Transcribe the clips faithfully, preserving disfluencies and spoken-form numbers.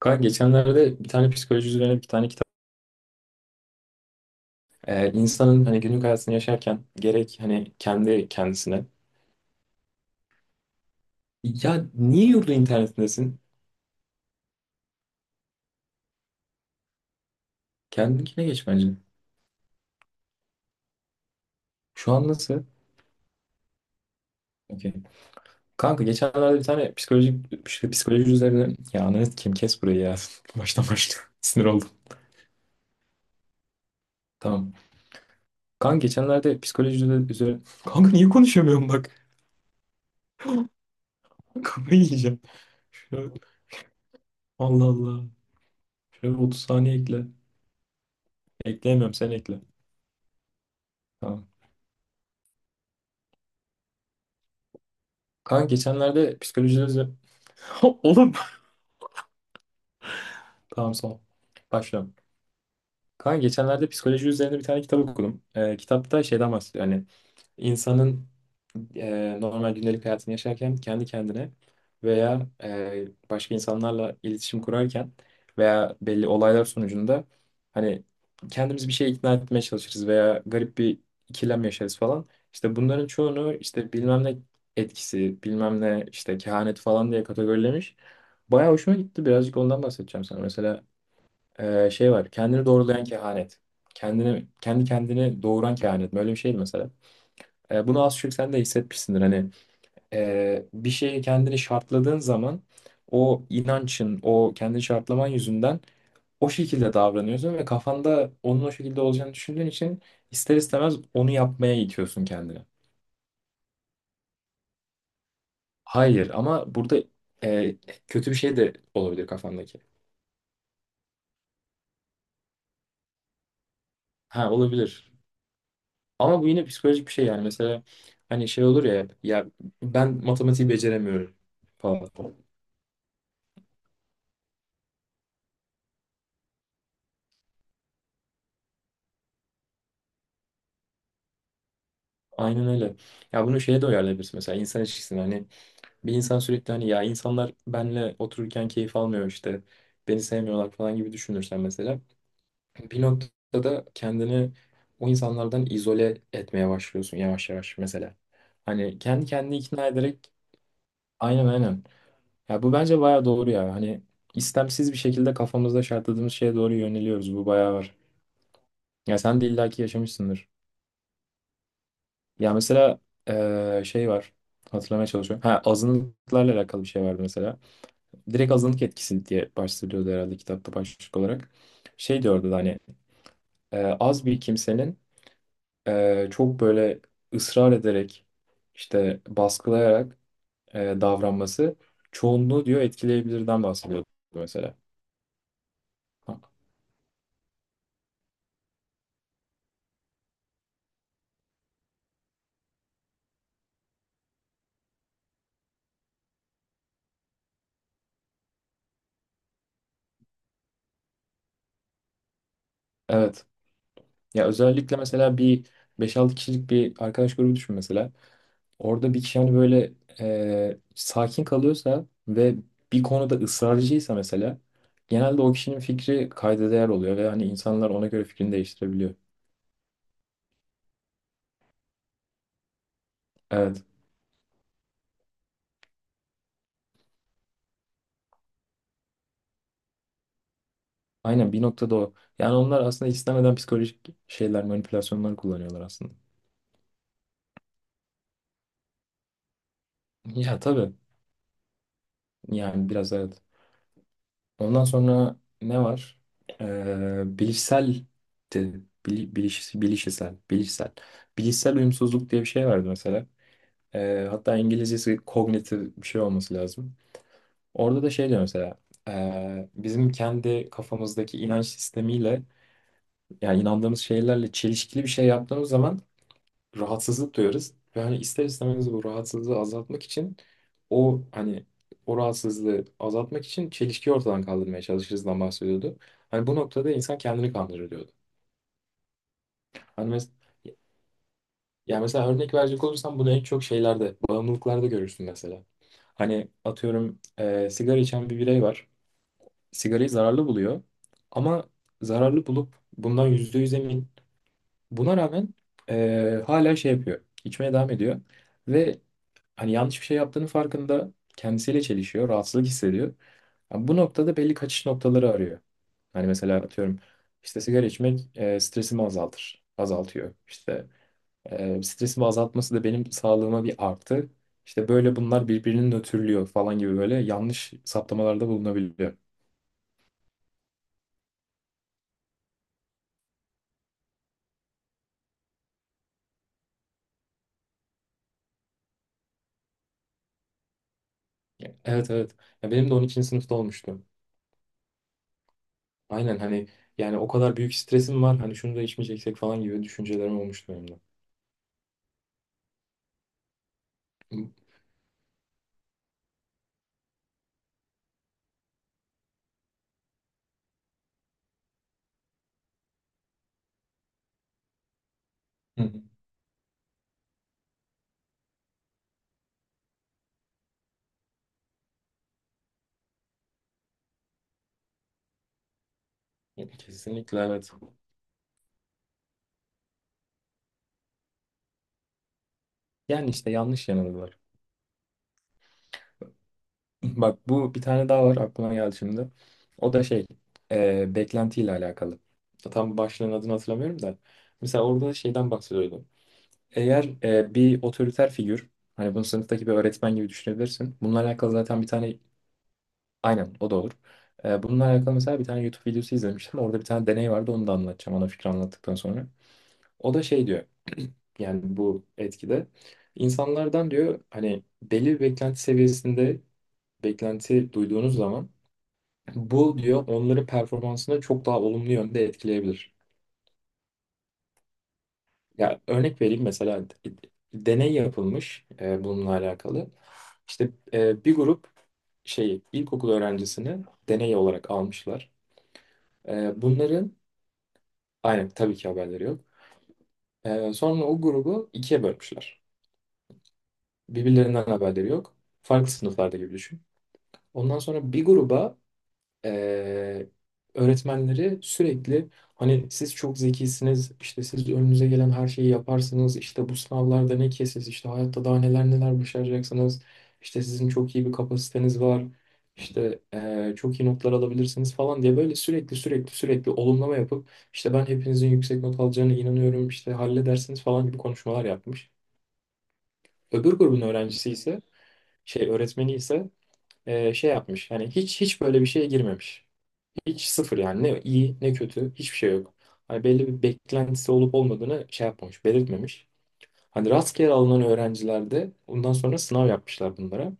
Kanka geçenlerde bir tane psikoloji üzerine bir tane kitap. Ee, insanın hani günlük hayatını yaşarken gerek hani kendi kendisine. Ya niye yurdu internetindesin? Kendine geç bence. Şu an nasıl? Okey. Kanka geçenlerde bir tane psikolojik işte psikoloji üzerine. Ya ananı kim kes burayı ya. Baştan başla. Sinir oldum. Tamam. Kanka geçenlerde psikoloji üzerine. Kanka niye konuşamıyorum bak. Kafayı yiyeceğim. Şöyle... Allah Allah. Şöyle otuz saniye ekle. Ekleyemiyorum sen ekle. Tamam. Kaan geçenlerde psikoloji üzerine... Oğlum! Tamam son. Başlıyorum. Kaan geçenlerde psikoloji üzerine bir tane kitap okudum. Ee, kitapta şeyden bahsediyor, hani İnsanın e, normal gündelik hayatını yaşarken kendi kendine veya e, başka insanlarla iletişim kurarken veya belli olaylar sonucunda hani kendimiz bir şeye ikna etmeye çalışırız veya garip bir ikilem yaşarız falan. İşte bunların çoğunu işte bilmem ne etkisi, bilmem ne işte kehanet falan diye kategorilemiş. Bayağı hoşuma gitti. Birazcık ondan bahsedeceğim sana. Mesela e, şey var. Kendini doğrulayan kehanet. Kendini, kendi kendini doğuran kehanet mi? Öyle bir şeydi mesela. E, bunu az çok sen de hissetmişsindir. Hani e, bir şeye kendini şartladığın zaman o inancın, o kendini şartlaman yüzünden o şekilde davranıyorsun ve kafanda onun o şekilde olacağını düşündüğün için ister istemez onu yapmaya itiyorsun kendini. Hayır ama burada e, kötü bir şey de olabilir kafandaki. Ha, olabilir. Ama bu yine psikolojik bir şey yani. Mesela hani şey olur ya ya ben matematiği beceremiyorum falan. Aynen öyle. Ya bunu şeye de uyarlayabilirsin mesela insan ilişkisine hani. Bir insan sürekli hani ya insanlar benle otururken keyif almıyor işte beni sevmiyorlar falan gibi düşünürsen mesela bir noktada kendini o insanlardan izole etmeye başlıyorsun yavaş yavaş mesela. Hani kendi kendini ikna ederek, aynen aynen. Ya bu bence bayağı doğru ya. Hani istemsiz bir şekilde kafamızda şartladığımız şeye doğru yöneliyoruz. Bu bayağı var. Ya sen de illaki yaşamışsındır. Ya mesela eee, şey var. Hatırlamaya çalışıyorum. Ha, azınlıklarla alakalı bir şey vardı mesela. direkt azınlık etkisi diye başlıyordu herhalde kitapta başlık olarak. Şey diyordu da hani e, az bir kimsenin e, çok böyle ısrar ederek işte baskılayarak e, davranması çoğunluğu diyor etkileyebilirden bahsediyordu mesela. Ha, evet. Ya özellikle mesela bir beş altı kişilik bir arkadaş grubu düşün mesela. Orada bir kişi hani böyle e, sakin kalıyorsa ve bir konuda ısrarcıysa mesela genelde o kişinin fikri kayda değer oluyor ve hani insanlar ona göre fikrini değiştirebiliyor. Evet. Aynen, bir noktada o. Yani onlar aslında istemeden psikolojik şeyler, manipülasyonlar kullanıyorlar aslında. Ya tabii. Yani biraz evet. Ondan sonra ne var? Ee, bilişsel de, bili- biliş, bilişsel, bilişsel. Bilişsel uyumsuzluk diye bir şey vardı mesela. Ee, hatta İngilizcesi kognitif bir şey olması lazım. Orada da şey diyor mesela. ee, bizim kendi kafamızdaki inanç sistemiyle yani inandığımız şeylerle çelişkili bir şey yaptığımız zaman rahatsızlık duyarız. Ve hani ister istemez bu rahatsızlığı azaltmak için o hani o rahatsızlığı azaltmak için çelişkiyi ortadan kaldırmaya çalışırızdan bahsediyordu. Hani bu noktada insan kendini kandırır diyordu. Hani mes yani mesela örnek verecek olursam bunu en çok şeylerde, bağımlılıklarda görürsün mesela. Hani atıyorum e, sigara içen bir birey var. Sigarayı zararlı buluyor. Ama zararlı bulup bundan yüzde yüz emin. Buna rağmen e, hala şey yapıyor. İçmeye devam ediyor. Ve hani yanlış bir şey yaptığının farkında, kendisiyle çelişiyor, rahatsızlık hissediyor. Yani bu noktada belli kaçış noktaları arıyor. Hani mesela atıyorum işte sigara içmek e, stresimi azaltır, azaltıyor. İşte e, stresimi azaltması da benim sağlığıma bir artı. İşte böyle bunlar birbirini nötrlüyor falan gibi böyle yanlış saptamalarda bulunabiliyor. Evet evet. Ya benim de on ikinci sınıfta olmuştu. Aynen hani yani o kadar büyük stresim var hani şunu da içmeyeceksek falan gibi düşüncelerim olmuştu benim de. Hı hı. Kesinlikle evet. Yani işte yanlış yanılgılar. Bak, bu bir tane daha var aklıma geldi şimdi. O da şey, e, beklentiyle alakalı. Tam başlığın adını hatırlamıyorum da. Mesela orada da şeyden bahsediyordu. Eğer e, bir otoriter figür, hani bunu sınıftaki bir öğretmen gibi düşünebilirsin. Bununla alakalı zaten bir tane, aynen o da olur. E, bununla alakalı mesela bir tane YouTube videosu izlemiştim. Orada bir tane deney vardı, onu da anlatacağım ana fikri anlattıktan sonra. O da şey diyor, yani bu etkide. İnsanlardan diyor hani belli bir beklenti seviyesinde beklenti duyduğunuz zaman bu diyor onların performansını çok daha olumlu yönde etkileyebilir. Ya örnek vereyim mesela, d- deney yapılmış e, bununla alakalı. İşte e, bir grup şey ilkokul öğrencisini deney olarak almışlar. E, bunların, aynen, tabii ki haberleri yok. E, sonra o grubu ikiye bölmüşler. Birbirlerinden haberleri yok. Farklı sınıflarda gibi düşün. Ondan sonra bir gruba, Ee, öğretmenleri sürekli hani siz çok zekisiniz, işte siz önünüze gelen her şeyi yaparsınız, işte bu sınavlarda ne ki siz, işte hayatta daha neler neler başaracaksınız, işte sizin çok iyi bir kapasiteniz var, işte ee, çok iyi notlar alabilirsiniz falan diye böyle sürekli sürekli sürekli olumlama yapıp işte ben hepinizin yüksek not alacağına inanıyorum, işte halledersiniz falan gibi konuşmalar yapmış. Öbür grubun öğrencisi ise şey öğretmeni ise ee, şey yapmış. Yani hiç hiç böyle bir şeye girmemiş. Hiç, sıfır yani. Ne iyi ne kötü, hiçbir şey yok. Hani belli bir beklentisi olup olmadığını şey yapmamış, belirtmemiş. Hani rastgele alınan öğrencilerde ondan sonra sınav yapmışlar bunlara.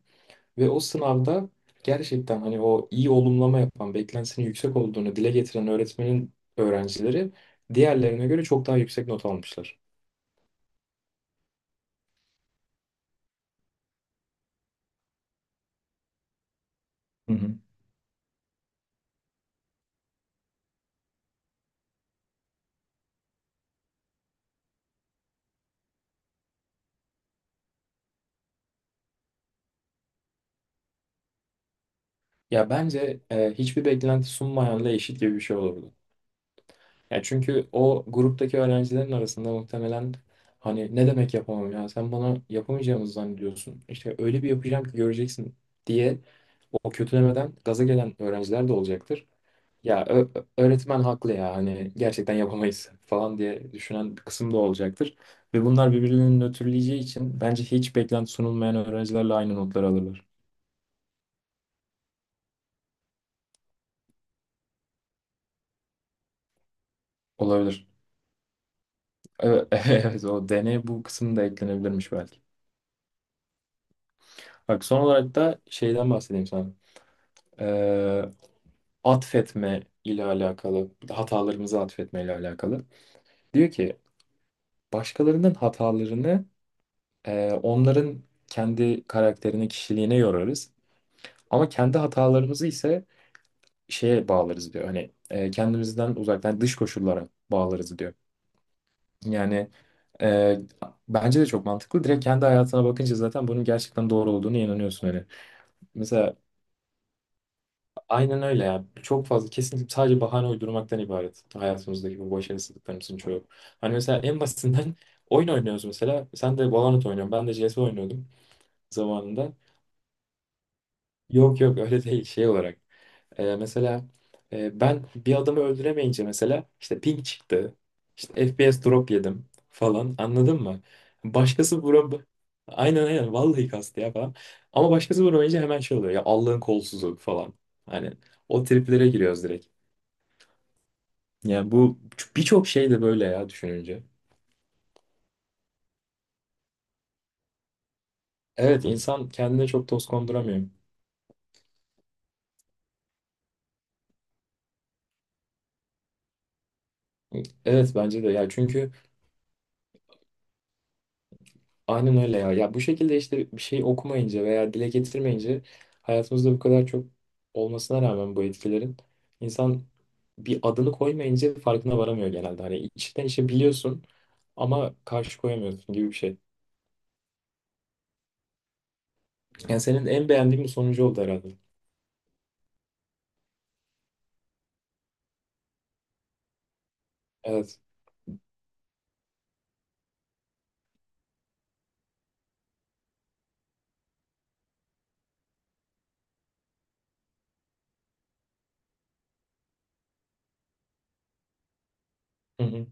Ve o sınavda gerçekten hani o iyi olumlama yapan, beklentisinin yüksek olduğunu dile getiren öğretmenin öğrencileri diğerlerine göre çok daha yüksek not almışlar. Hı hı. Ya bence e, hiçbir beklenti sunmayanla eşit gibi bir şey olurdu. Ya çünkü o gruptaki öğrencilerin arasında muhtemelen hani ne demek yapamam, ya sen bana yapamayacağımızı zannediyorsun. İşte öyle bir yapacağım ki göreceksin diye o kötülemeden gaza gelen öğrenciler de olacaktır. Ya ö- ö- öğretmen haklı ya, hani gerçekten yapamayız falan diye düşünen bir kısım da olacaktır. Ve bunlar birbirlerini nötrleyeceği için bence hiç beklenti sunulmayan öğrencilerle aynı notları alırlar. Olabilir. Evet, evet, o deney bu kısım da eklenebilirmiş belki. Bak son olarak da şeyden bahsedeyim sana. e, Atfetme ile alakalı, hatalarımızı atfetme ile alakalı. Diyor ki başkalarının hatalarını e, onların kendi karakterine, kişiliğine yorarız. Ama kendi hatalarımızı ise şeye bağlarız diyor. Hani e, kendimizden uzaktan dış koşullara bağlarız diyor. Yani e, bence de çok mantıklı. Direkt kendi hayatına bakınca zaten bunun gerçekten doğru olduğunu inanıyorsun hani. Mesela, aynen öyle ya. Çok fazla, kesinlikle sadece bahane uydurmaktan ibaret. Hayatımızdaki bu başarısızlıklarımızın çoğu. Hani mesela en basitinden, oyun oynuyoruz mesela. Sen de Valorant oynuyorsun. Ben de C S oynuyordum zamanında. Yok yok, öyle değil şey olarak. Ee, mesela e, ben bir adamı öldüremeyince mesela işte ping çıktı. İşte F P S drop yedim falan, anladın mı? Başkası vuram Aynen aynen, vallahi kastı ya falan. Ama başkası vuramayınca hemen şey oluyor ya, Allah'ın kolsuzu falan. Hani o triplere giriyoruz direkt. Yani bu birçok şey de böyle ya, düşününce. Evet, insan kendine çok toz konduramıyor. Evet bence de ya, çünkü aynen öyle ya. Ya bu şekilde işte bir şey okumayınca veya dile getirmeyince hayatımızda bu kadar çok olmasına rağmen bu etkilerin, insan bir adını koymayınca farkına varamıyor genelde. Hani içten içe biliyorsun ama karşı koyamıyorsun gibi bir şey. Yani senin en beğendiğin bir sonucu oldu herhalde. Evet. Hı hı.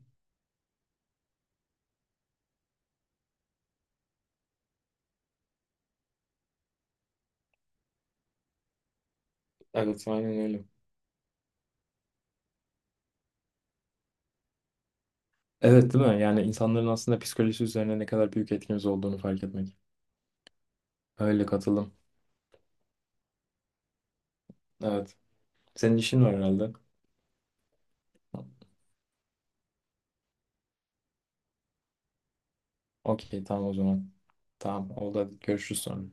Evet, aynen öyle. Evet, değil mi? Yani insanların aslında psikolojisi üzerine ne kadar büyük etkimiz olduğunu fark etmek. Öyle katılım. Evet. Senin işin var herhalde. Okey, tamam o zaman. Tamam oldu, hadi görüşürüz sonra.